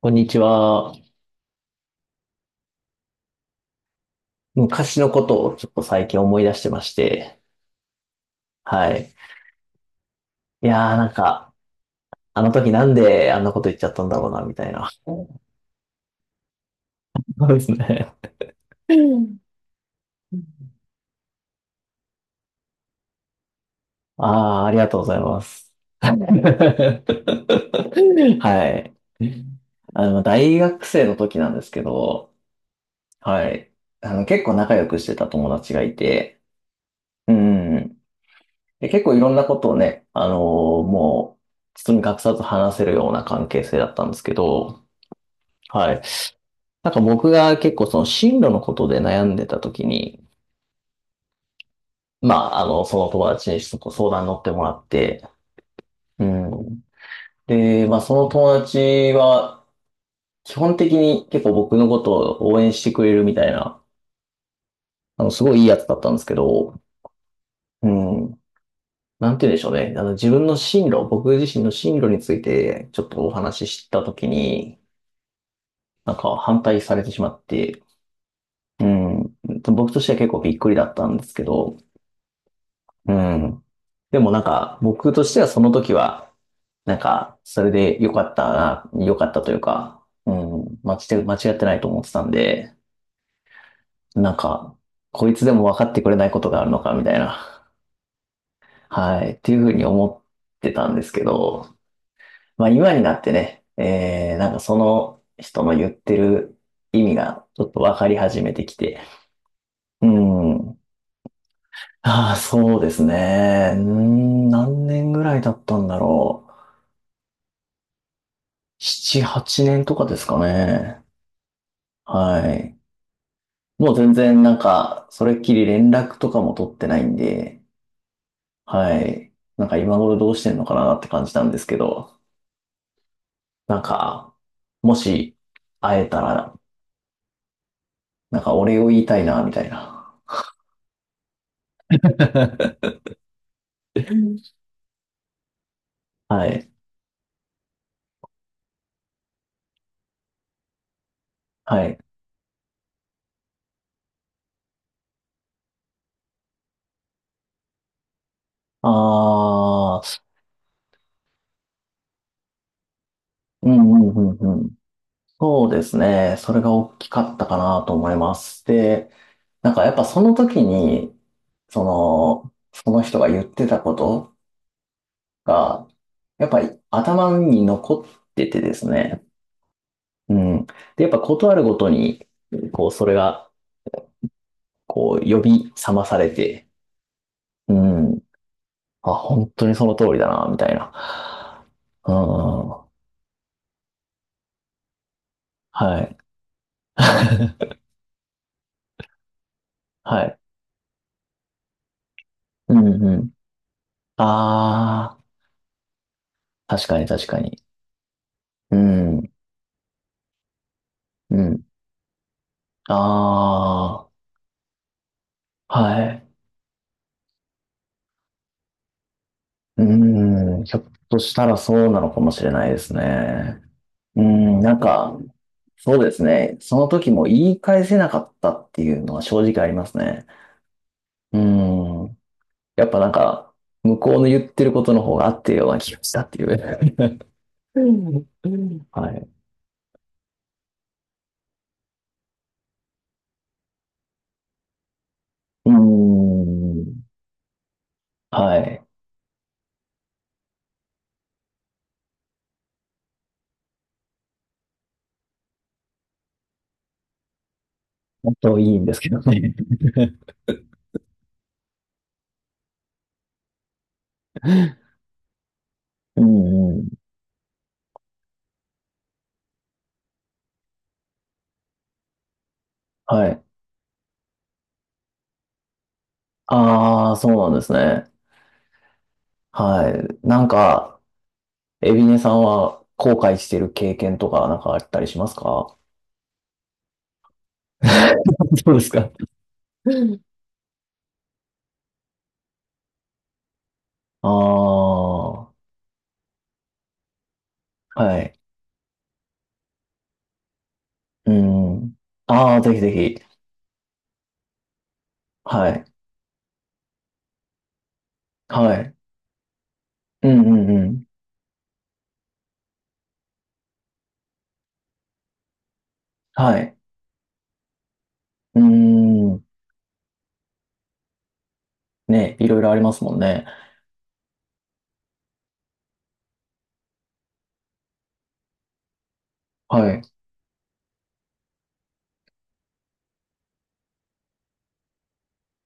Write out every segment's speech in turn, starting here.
こんにちは。昔のことをちょっと最近思い出してまして。はい。いやーなんか、あの時なんであんなこと言っちゃったんだろうな、みたいな。そうですね。ああ、ありがとうございます。はい。大学生の時なんですけど、はい。結構仲良くしてた友達がいて、うん。で、結構いろんなことをね、もう、包み隠さず話せるような関係性だったんですけど、はい。なんか僕が結構その進路のことで悩んでた時に、その友達にそこ相談に乗ってもらって、うん。で、まあ、その友達は、基本的に結構僕のことを応援してくれるみたいな、すごいいいやつだったんですけど、うん。なんて言うんでしょうね。あの、自分の進路、僕自身の進路について、ちょっとお話しした時に、なんか反対されてしまって、うん。僕としては結構びっくりだったんですけど、うん。でもなんか、僕としてはその時は、なんか、それで良かったな、良かったというか、うん、間違ってないと思ってたんで、なんか、こいつでも分かってくれないことがあるのか、みたいな、はい、っていうふうに思ってたんですけど、まあ今になってね、なんかその人の言ってる意味がちょっと分かり始めてきて、うん、ああ、そうですね、何年ぐらいだったんだろう。7、8年とかですかね。はい。もう全然なんか、それっきり連絡とかも取ってないんで、はい。なんか今頃どうしてんのかなって感じなんですけど、なんか、もし会えたら、なんかお礼を言いたいな、みたいな。はい。はい。あー、うんうんうんうん。そうですね。それが大きかったかなと思います。で、なんかやっぱその時に、その、その人が言ってたことが、やっぱり頭に残っててですね。うん。で、やっぱことあるごとに、こう、それが、こう、呼び覚まされて、うん。あ、本当にその通りだな、みたいな。うん。はい。はい。うんうん。ああ、確かに確かに。うん。うんああ、はい。うん、ひょっとしたらそうなのかもしれないですね。うん、なんか、そうですね。その時も言い返せなかったっていうのは正直ありますね。うん、やっぱなんか、向こうの言ってることの方が合ってるような気がしたっていう。うんうんはい。うん、はい。本当いいんですけどね。うんうん。はい。ああ、そうなんですね。はい。なんか、エビネさんは後悔してる経験とかなんかあったりしますか？ そうですか。ああ、はい。うん。ああ、ぜひぜひ。はい。はい。うんうんうん。はい。うーん。ね、いろいろありますもんね。はい。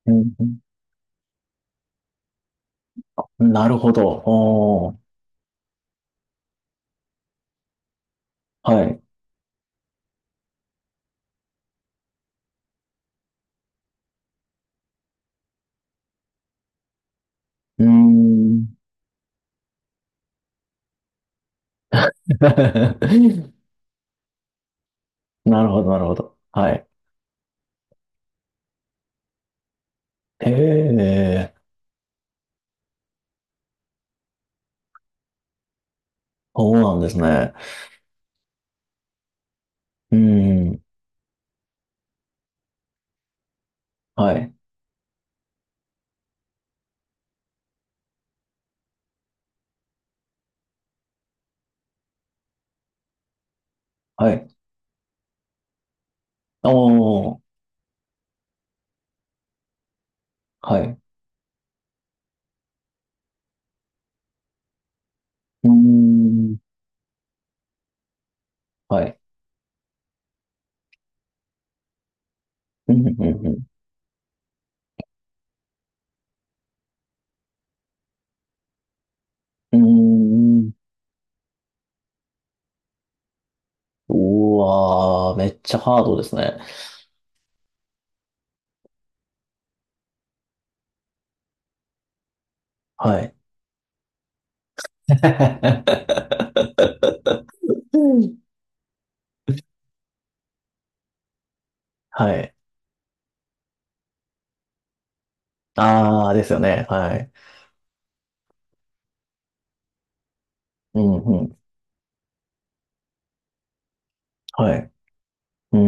うん、うんなるほど。おー。はい。うーん。なるほど、なるほど。はい。へえ、そうなんですね。うーん。はい。はい。おー、はい。うーん、はい。うん、うん、うん。うーん。うわー、めっちゃハードですね。はい。うんはい。ああですよね。はい。うん、うん。はい。うー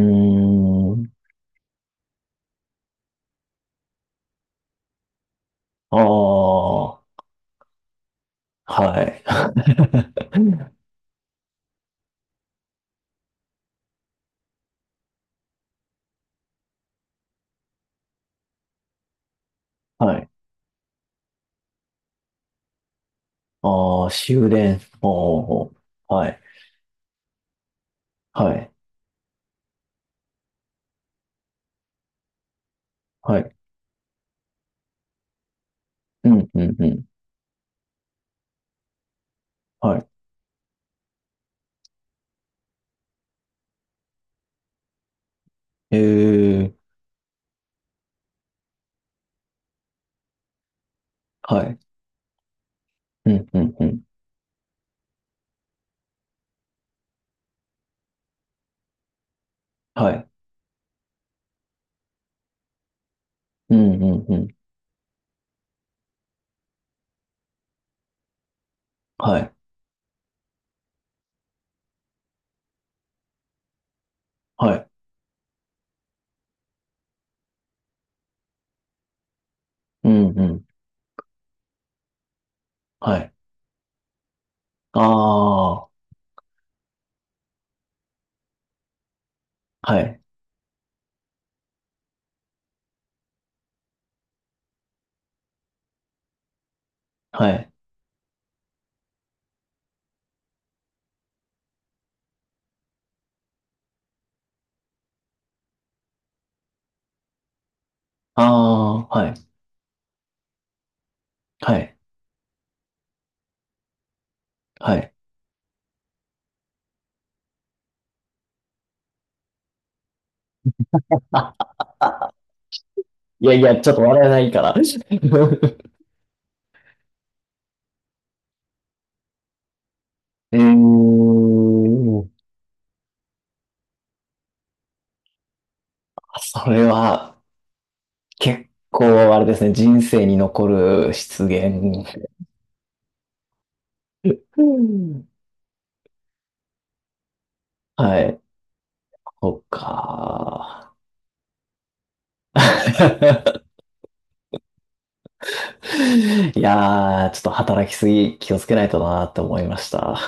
ん。ああはい。はい。ああ終電。おー、はい。はい。はい。うん、うん、うん。はい。えー、はい。うん、うん、うん。はい。うんうんうん。はい。はい。うんうん。はい。ああ。はい。はい。ああ。はい。はい。はい。いやいや、ちょっと笑えないから。えー、それは結構あれですね、人生に残る失言。うんはい。そっか。いやー、ちょっと働きすぎ気をつけないとなーって思いました。